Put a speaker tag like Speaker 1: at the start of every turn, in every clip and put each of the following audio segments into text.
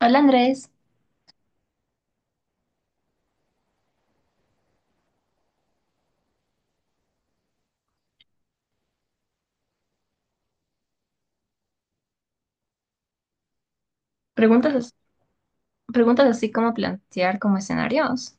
Speaker 1: Hola Andrés. Preguntas, as- preguntas así como plantear como escenarios.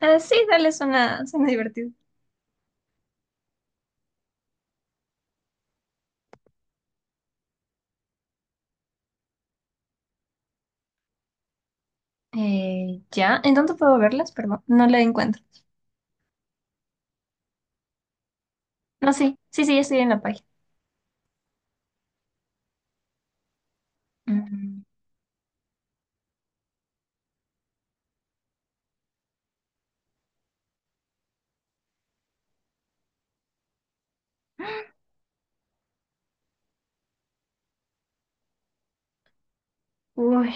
Speaker 1: Ah, sí, dale, suena, suena divertido. Ya, ¿en dónde puedo verlas? Perdón, no la encuentro. No, sí, sí, sí, ya estoy en la página. Mm. Uy,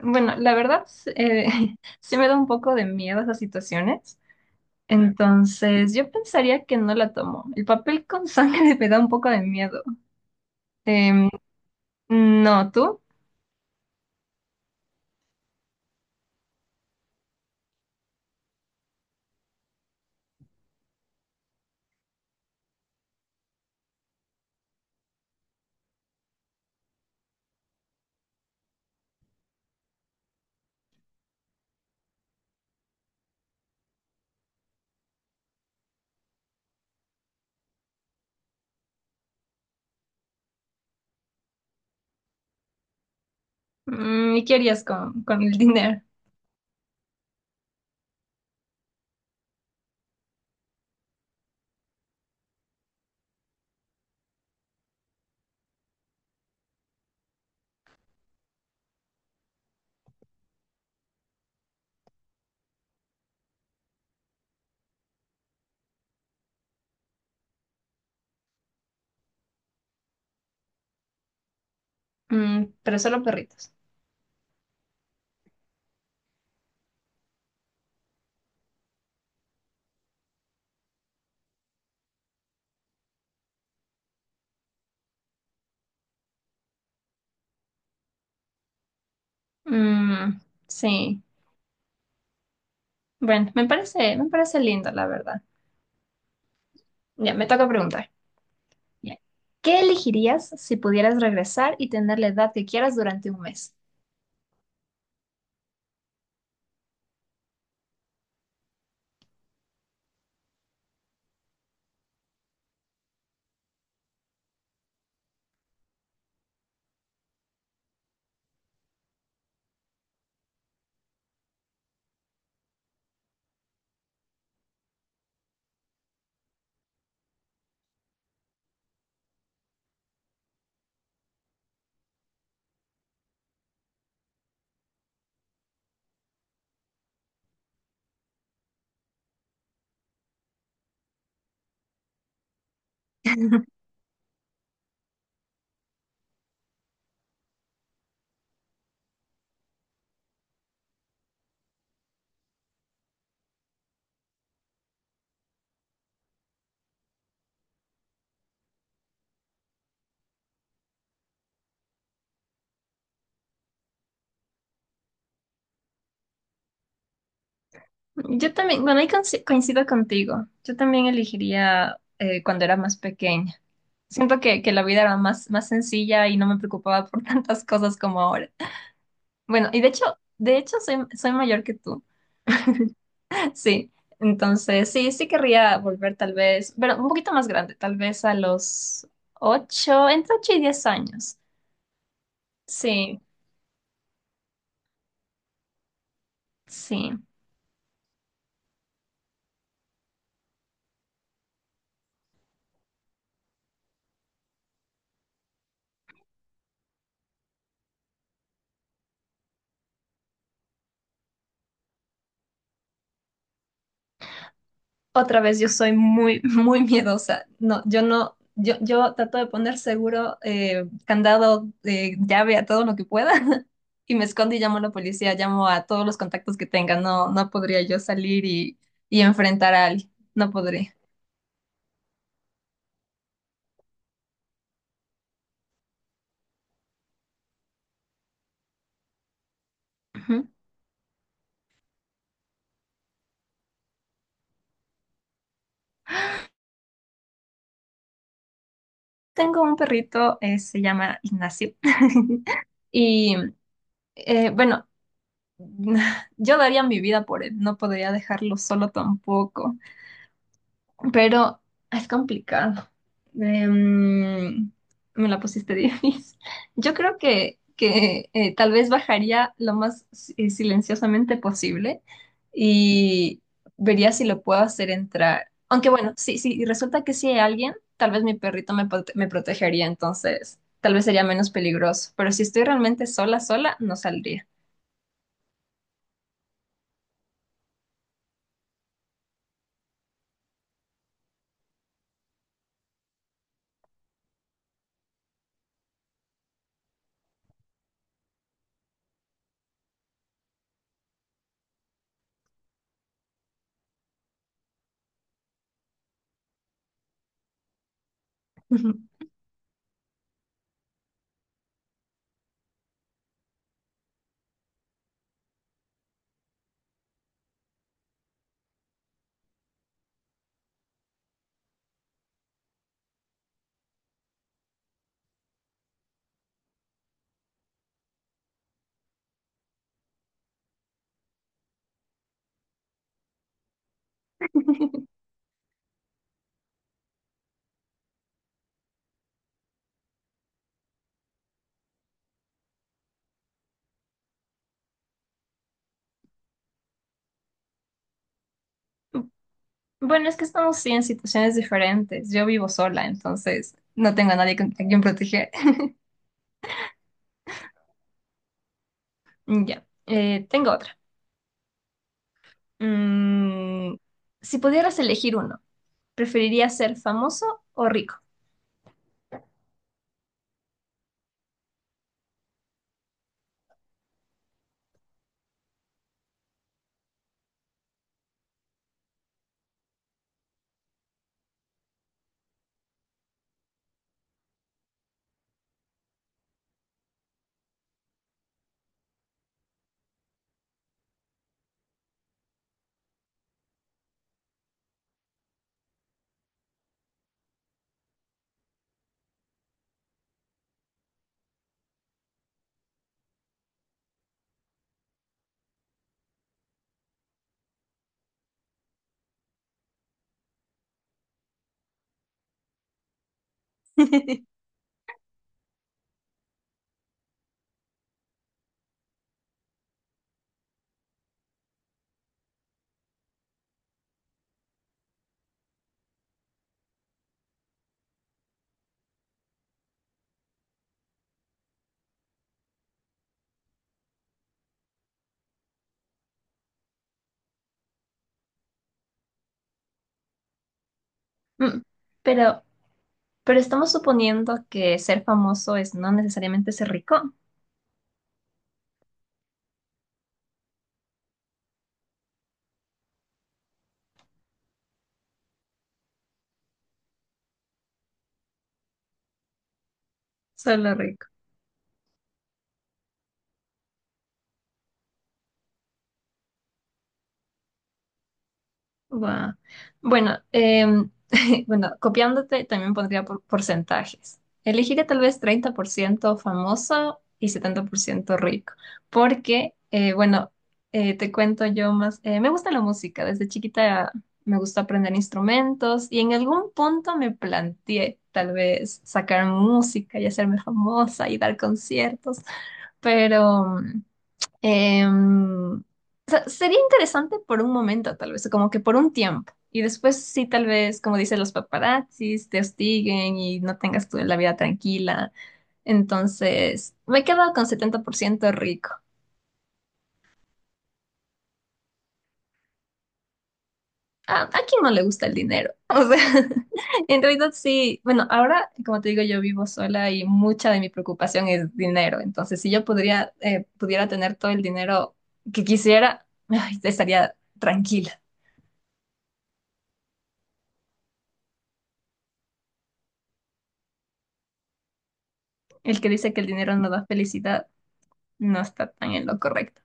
Speaker 1: bueno, la verdad, sí, sí me da un poco de miedo esas situaciones. Entonces, yo pensaría que no la tomo. El papel con sangre me da un poco de miedo. Em, no, ¿tú? ¿Y qué harías con el dinero? Pero solo perritos. Mm, sí. Bueno, me parece lindo, la verdad. Ya, me toca preguntar. Ya. ¿Qué elegirías si pudieras regresar y tener la edad que quieras durante un mes? Yo también, bueno, ahí coincido contigo. Yo también elegiría cuando era más pequeña. Siento que la vida era más, más sencilla y no me preocupaba por tantas cosas como ahora. Bueno, y de hecho soy mayor que tú. Sí, entonces sí querría volver tal vez, pero un poquito más grande, tal vez a los 8, entre 8 y 10 años. Sí, sí. Otra vez yo soy muy, muy miedosa. No, yo no, yo trato de poner seguro, candado, llave a todo lo que pueda y me escondo y llamo a la policía, llamo a todos los contactos que tenga. No, no podría yo salir y enfrentar a alguien, no podría. Ujú. Tengo un perrito, se llama Ignacio. Y bueno, yo daría mi vida por él, no podría dejarlo solo tampoco, pero es complicado. Em, Me la pusiste difícil. Yo creo que tal vez bajaría lo más silenciosamente posible y vería si lo puedo hacer entrar. Aunque bueno, si resulta que sí hay alguien, tal vez mi perrito me, me protegería, entonces tal vez sería menos peligroso. Pero si estoy realmente sola, sola, no saldría. Ujú. Bueno, es que estamos sí en situaciones diferentes. Yo vivo sola, entonces no tengo a nadie a quien proteger. Ya, tengo otra. Mm, si pudieras elegir uno, ¿preferirías ser famoso o rico? Mm, pero, pero estamos suponiendo que ser famoso es no necesariamente ser rico, solo rico. Guau. Bueno, bueno, copiándote también pondría por porcentajes. Elegiría tal vez 30% famoso y 70% rico, porque, bueno, te cuento yo más, me gusta la música. Desde chiquita me gusta aprender instrumentos y en algún punto me planteé tal vez sacar música y hacerme famosa y dar conciertos, pero em, sería interesante por un momento, tal vez, como que por un tiempo. Y después sí, tal vez, como dicen los paparazzis, te hostiguen y no tengas tú la vida tranquila. Entonces, me quedo con 70% rico. ¿A quién no le gusta el dinero? O sea, en realidad sí. Bueno, ahora, como te digo, yo vivo sola y mucha de mi preocupación es dinero. Entonces, si yo podría, pudiera tener todo el dinero que quisiera, ay, estaría tranquila. El que dice que el dinero no da felicidad no está tan en lo correcto.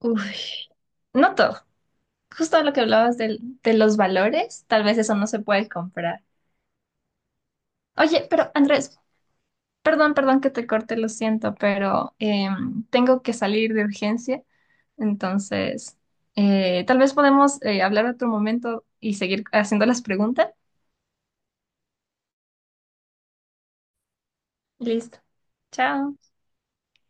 Speaker 1: Uy, no todo. Justo lo que hablabas de los valores, tal vez eso no se puede comprar. Oye, pero Andrés, perdón, perdón que te corte, lo siento, pero tengo que salir de urgencia. Entonces, tal vez podemos hablar otro momento y seguir haciendo las preguntas. Listo. Chao.